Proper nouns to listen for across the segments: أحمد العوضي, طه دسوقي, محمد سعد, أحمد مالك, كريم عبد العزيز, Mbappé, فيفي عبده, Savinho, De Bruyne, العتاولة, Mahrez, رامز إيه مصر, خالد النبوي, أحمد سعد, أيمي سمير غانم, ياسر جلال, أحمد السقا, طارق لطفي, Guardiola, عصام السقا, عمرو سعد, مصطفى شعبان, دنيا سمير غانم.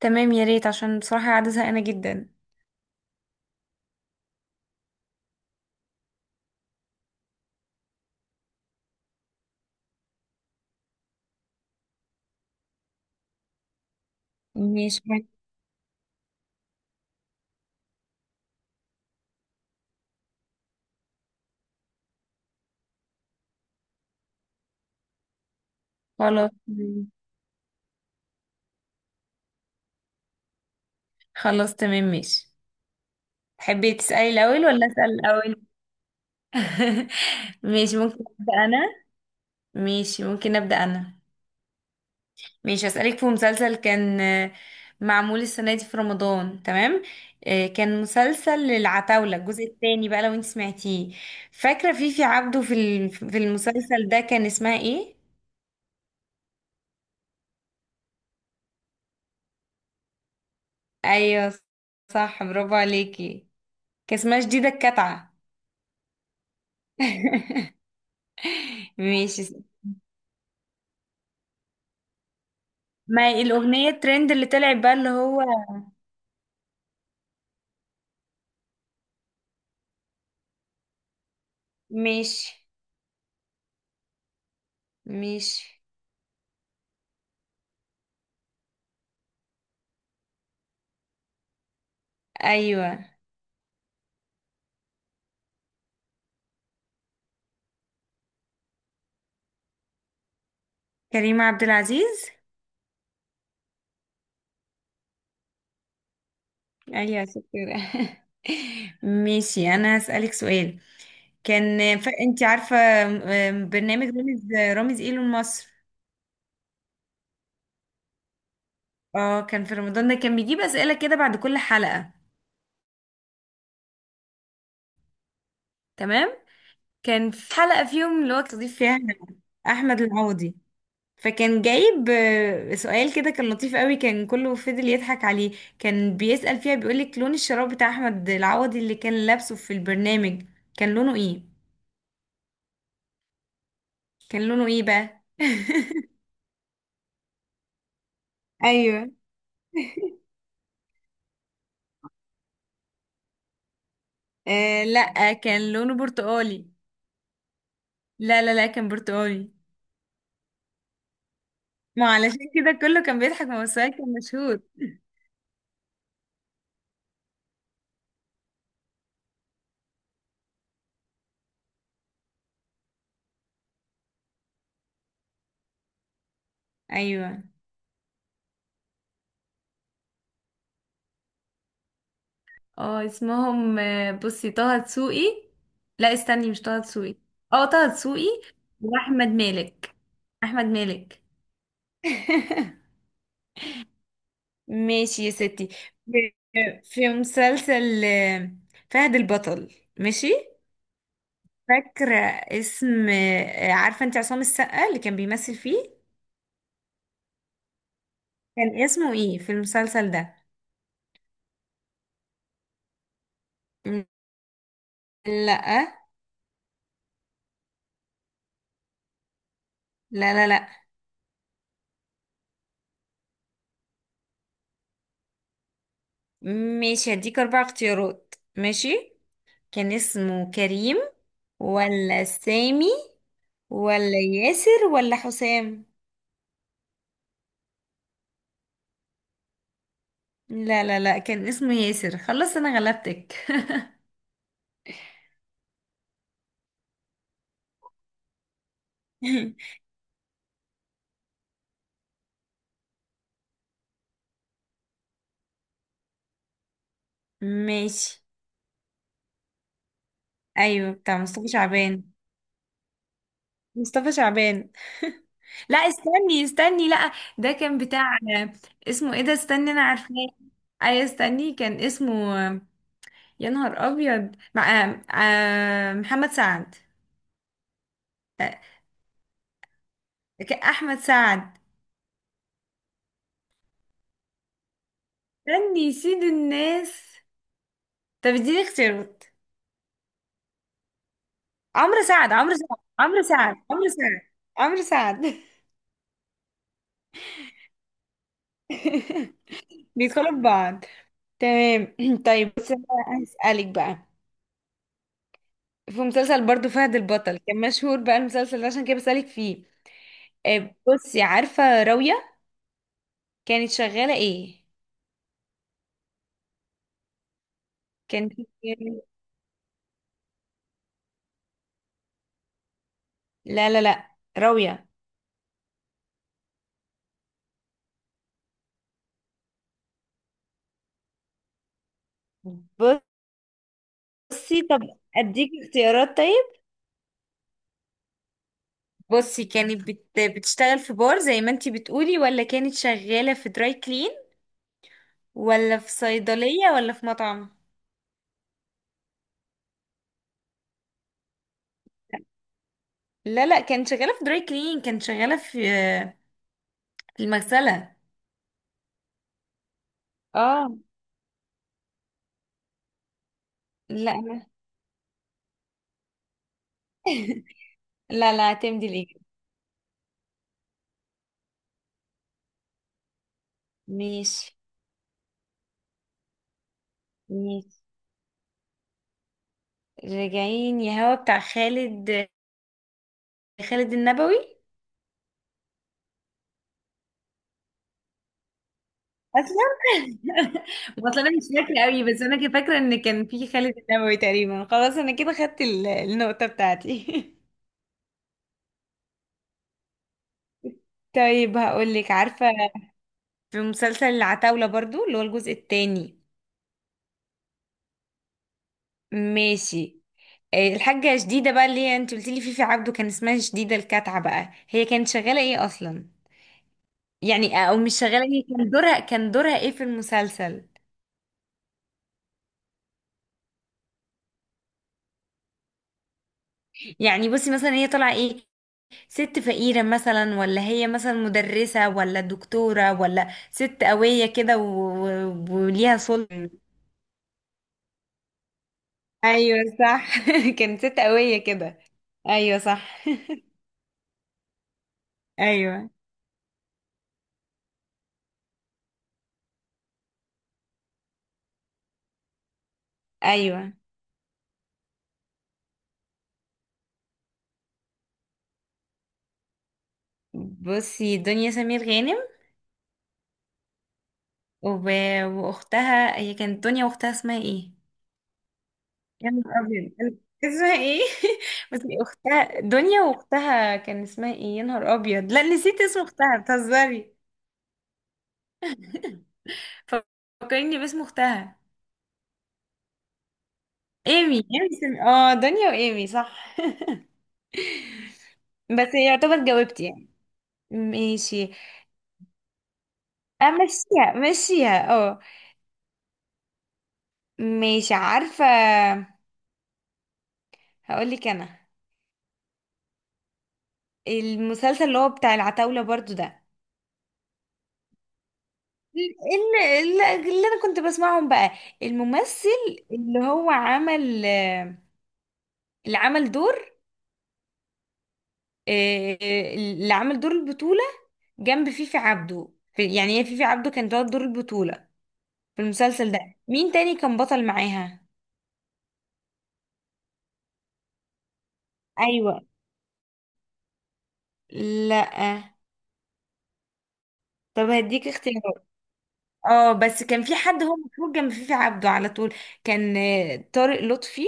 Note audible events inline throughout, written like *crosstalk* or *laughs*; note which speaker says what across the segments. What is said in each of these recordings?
Speaker 1: تمام، يا ريت، عشان بصراحة قاعدة زهقانة جدا. ماشي، خلاص تمام. خلاص تمام ماشي. تحبي تسألي الأول ولا أسأل الأول؟ *laughs* ماشي، ممكن أبدأ أنا. ماشي ممكن أبدأ أنا. ماشي، أسألك في مسلسل كان معمول السنة دي في رمضان، تمام. كان مسلسل العتاولة الجزء الثاني بقى، لو انت سمعتيه. فاكرة فيفي عبده في في المسلسل ده كان اسمها ايه؟ أيوه، صح، برافو عليكي. كان اسمها شديدة الكتعة. *laughs* ماشي. ما الأغنية الترند اللي طلعت بقى اللي هو. ماشي. ماشي. أيوة. كريم عبد العزيز. أيوة، شكرا. *laughs* ماشي، أنا هسألك سؤال. أنت عارفة برنامج رامز. رامز إيه مصر. اه، كان في رمضان ده، كان بيجيب أسئلة كده بعد كل حلقة. تمام. كان في حلقة فيهم اللي هو تضيف فيها أحمد العوضي. فكان جايب سؤال كده كان لطيف قوي، كان كله فضل يضحك عليه. كان بيسأل فيها، بيقولك لون الشراب بتاع احمد العوضي اللي كان لابسه في البرنامج كان لونه ايه. كان لونه ايه بقى؟ ايوه. آه، لا. كان لونه برتقالي. لا، لا، لا، كان برتقالي. ما علشان كده كله كان بيضحك، ما هو السؤال كان مشهور. ايوه. اه، اسمهم بصي طه دسوقي. لا استني، مش طه دسوقي. اه، طه دسوقي. واحمد مالك. احمد مالك. *laughs* ماشي يا ستي. في في مسلسل فهد البطل، ماشي. فاكرة اسم آه، عارفة انت عصام السقا اللي كان بيمثل فيه؟ كان اسمه ايه في المسلسل ده؟ م- لا. لا، لا، لا. ماشي، هديك اربع اختيارات، ماشي. كان اسمه كريم، ولا سامي، ولا ياسر، ولا حسام؟ لا، لا، لا، كان اسمه ياسر، خلاص انا غلبتك. *laughs* ماشي. ايوه، بتاع مصطفى شعبان. مصطفى شعبان. *laughs* لا، استني استني، لا. ده كان بتاع، اسمه ايه ده، استني، انا عارفاه. اي استني، كان اسمه يا نهار ابيض، مع محمد سعد. آه، احمد سعد. استني، سيد الناس. طب اديني اختيارات. عمرو سعد، عمرو سعد، عمرو سعد، عمرو سعد. عمرو سعد. *laughs* بيدخلوا في بعض. تمام. *clears throat* طيب، بس أنا هسألك بقى. في مسلسل برضو فهد البطل، كان مشهور بقى المسلسل ده، عشان كده بسألك فيه. بصي، عارفة راوية؟ كانت شغالة ايه؟ كانت *laughs* لا، لا، لا. راوية. بصي، طب اديك اختيارات طيب. بصي، كانت بتشتغل في بار زي ما انتي بتقولي، ولا كانت شغالة في دراي كلين، ولا في صيدلية، ولا في مطعم؟ لا، لا، كانت شغالة في دراي كلين، كانت شغالة في المغسلة. اه. لا، لا، لا، اعتمدي الإجابة. ماشي. ماشي، راجعين يا هوا، بتاع خالد. خالد النبوي. اصلا. *laughs* اصلا انا مش فاكره قوي، بس انا كده فاكره ان كان في خالد النبوي تقريبا، خلاص انا كده خدت النقطه بتاعتي. *laughs* طيب، هقول لك، عارفه في مسلسل العتاوله برضو اللي هو الجزء الثاني. ماشي. الحاجه شديده بقى اللي هي انت قلت لي فيفي عبده كان اسمها شديده الكتعه بقى، هي كانت شغاله ايه اصلا؟ يعني، او مش شغاله ايه، كان دورها ايه في المسلسل؟ يعني، بصي، مثلا هي طالعه ايه؟ ست فقيرة مثلا، ولا هي مثلا مدرسة، ولا دكتورة، ولا ست قوية كده وليها سلطة. ايوه، صح. *laughs* كانت ست قوية كده. ايوه، صح. ايوه. ايوه، بصي، دنيا سمير غانم. وب... واختها. هي كانت دنيا واختها اسمها ايه؟ يا نهار ابيض، اسمها ايه؟ *laughs* بس اختها، دنيا واختها كان اسمها ايه؟ يا نهار ابيض، لا، نسيت اسم اختها، بتهزري. فكريني باسم اختها. ايمي. ايمي اه، دنيا وايمي، صح. بس يعتبر جاوبتي يعني. ماشي. مشيها، اه. ماشي، عارفة، هقول لك انا. المسلسل اللي هو بتاع العتاولة برضو ده، اللي, اللي انا كنت بسمعهم بقى. الممثل اللي هو عمل اللي عمل دور آه، اللي عمل دور البطولة جنب فيفي عبده. يعني، هي فيفي عبده كانت واخدة دور البطولة في المسلسل ده، مين تاني كان بطل معاها؟ ايوه. لا. طب هديك اختيارات. اه، بس كان في حد هو مشهور جنب فيفي عبده على طول. كان طارق لطفي،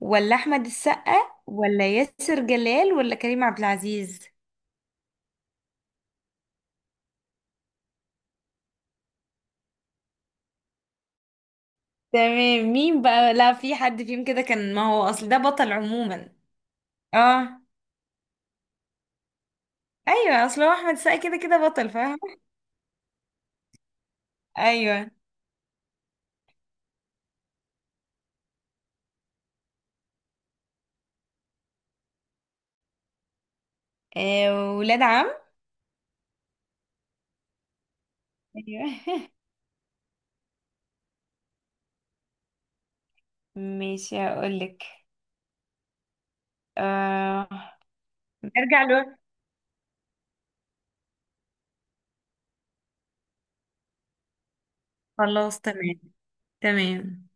Speaker 1: ولا احمد السقا، ولا ياسر جلال، ولا كريم عبد العزيز؟ تمام. مين بقى؟ لا، في حد فيهم كده كان، ما هو اصل ده بطل عموما. اه. ايوه، اصل هو احمد السقا كده كده بطل، فاهم. ايوه. ولاد عم. ايوه. *laughs* ماشي، هقولك آه... نرجع لورا. خلاص تمام. تمام.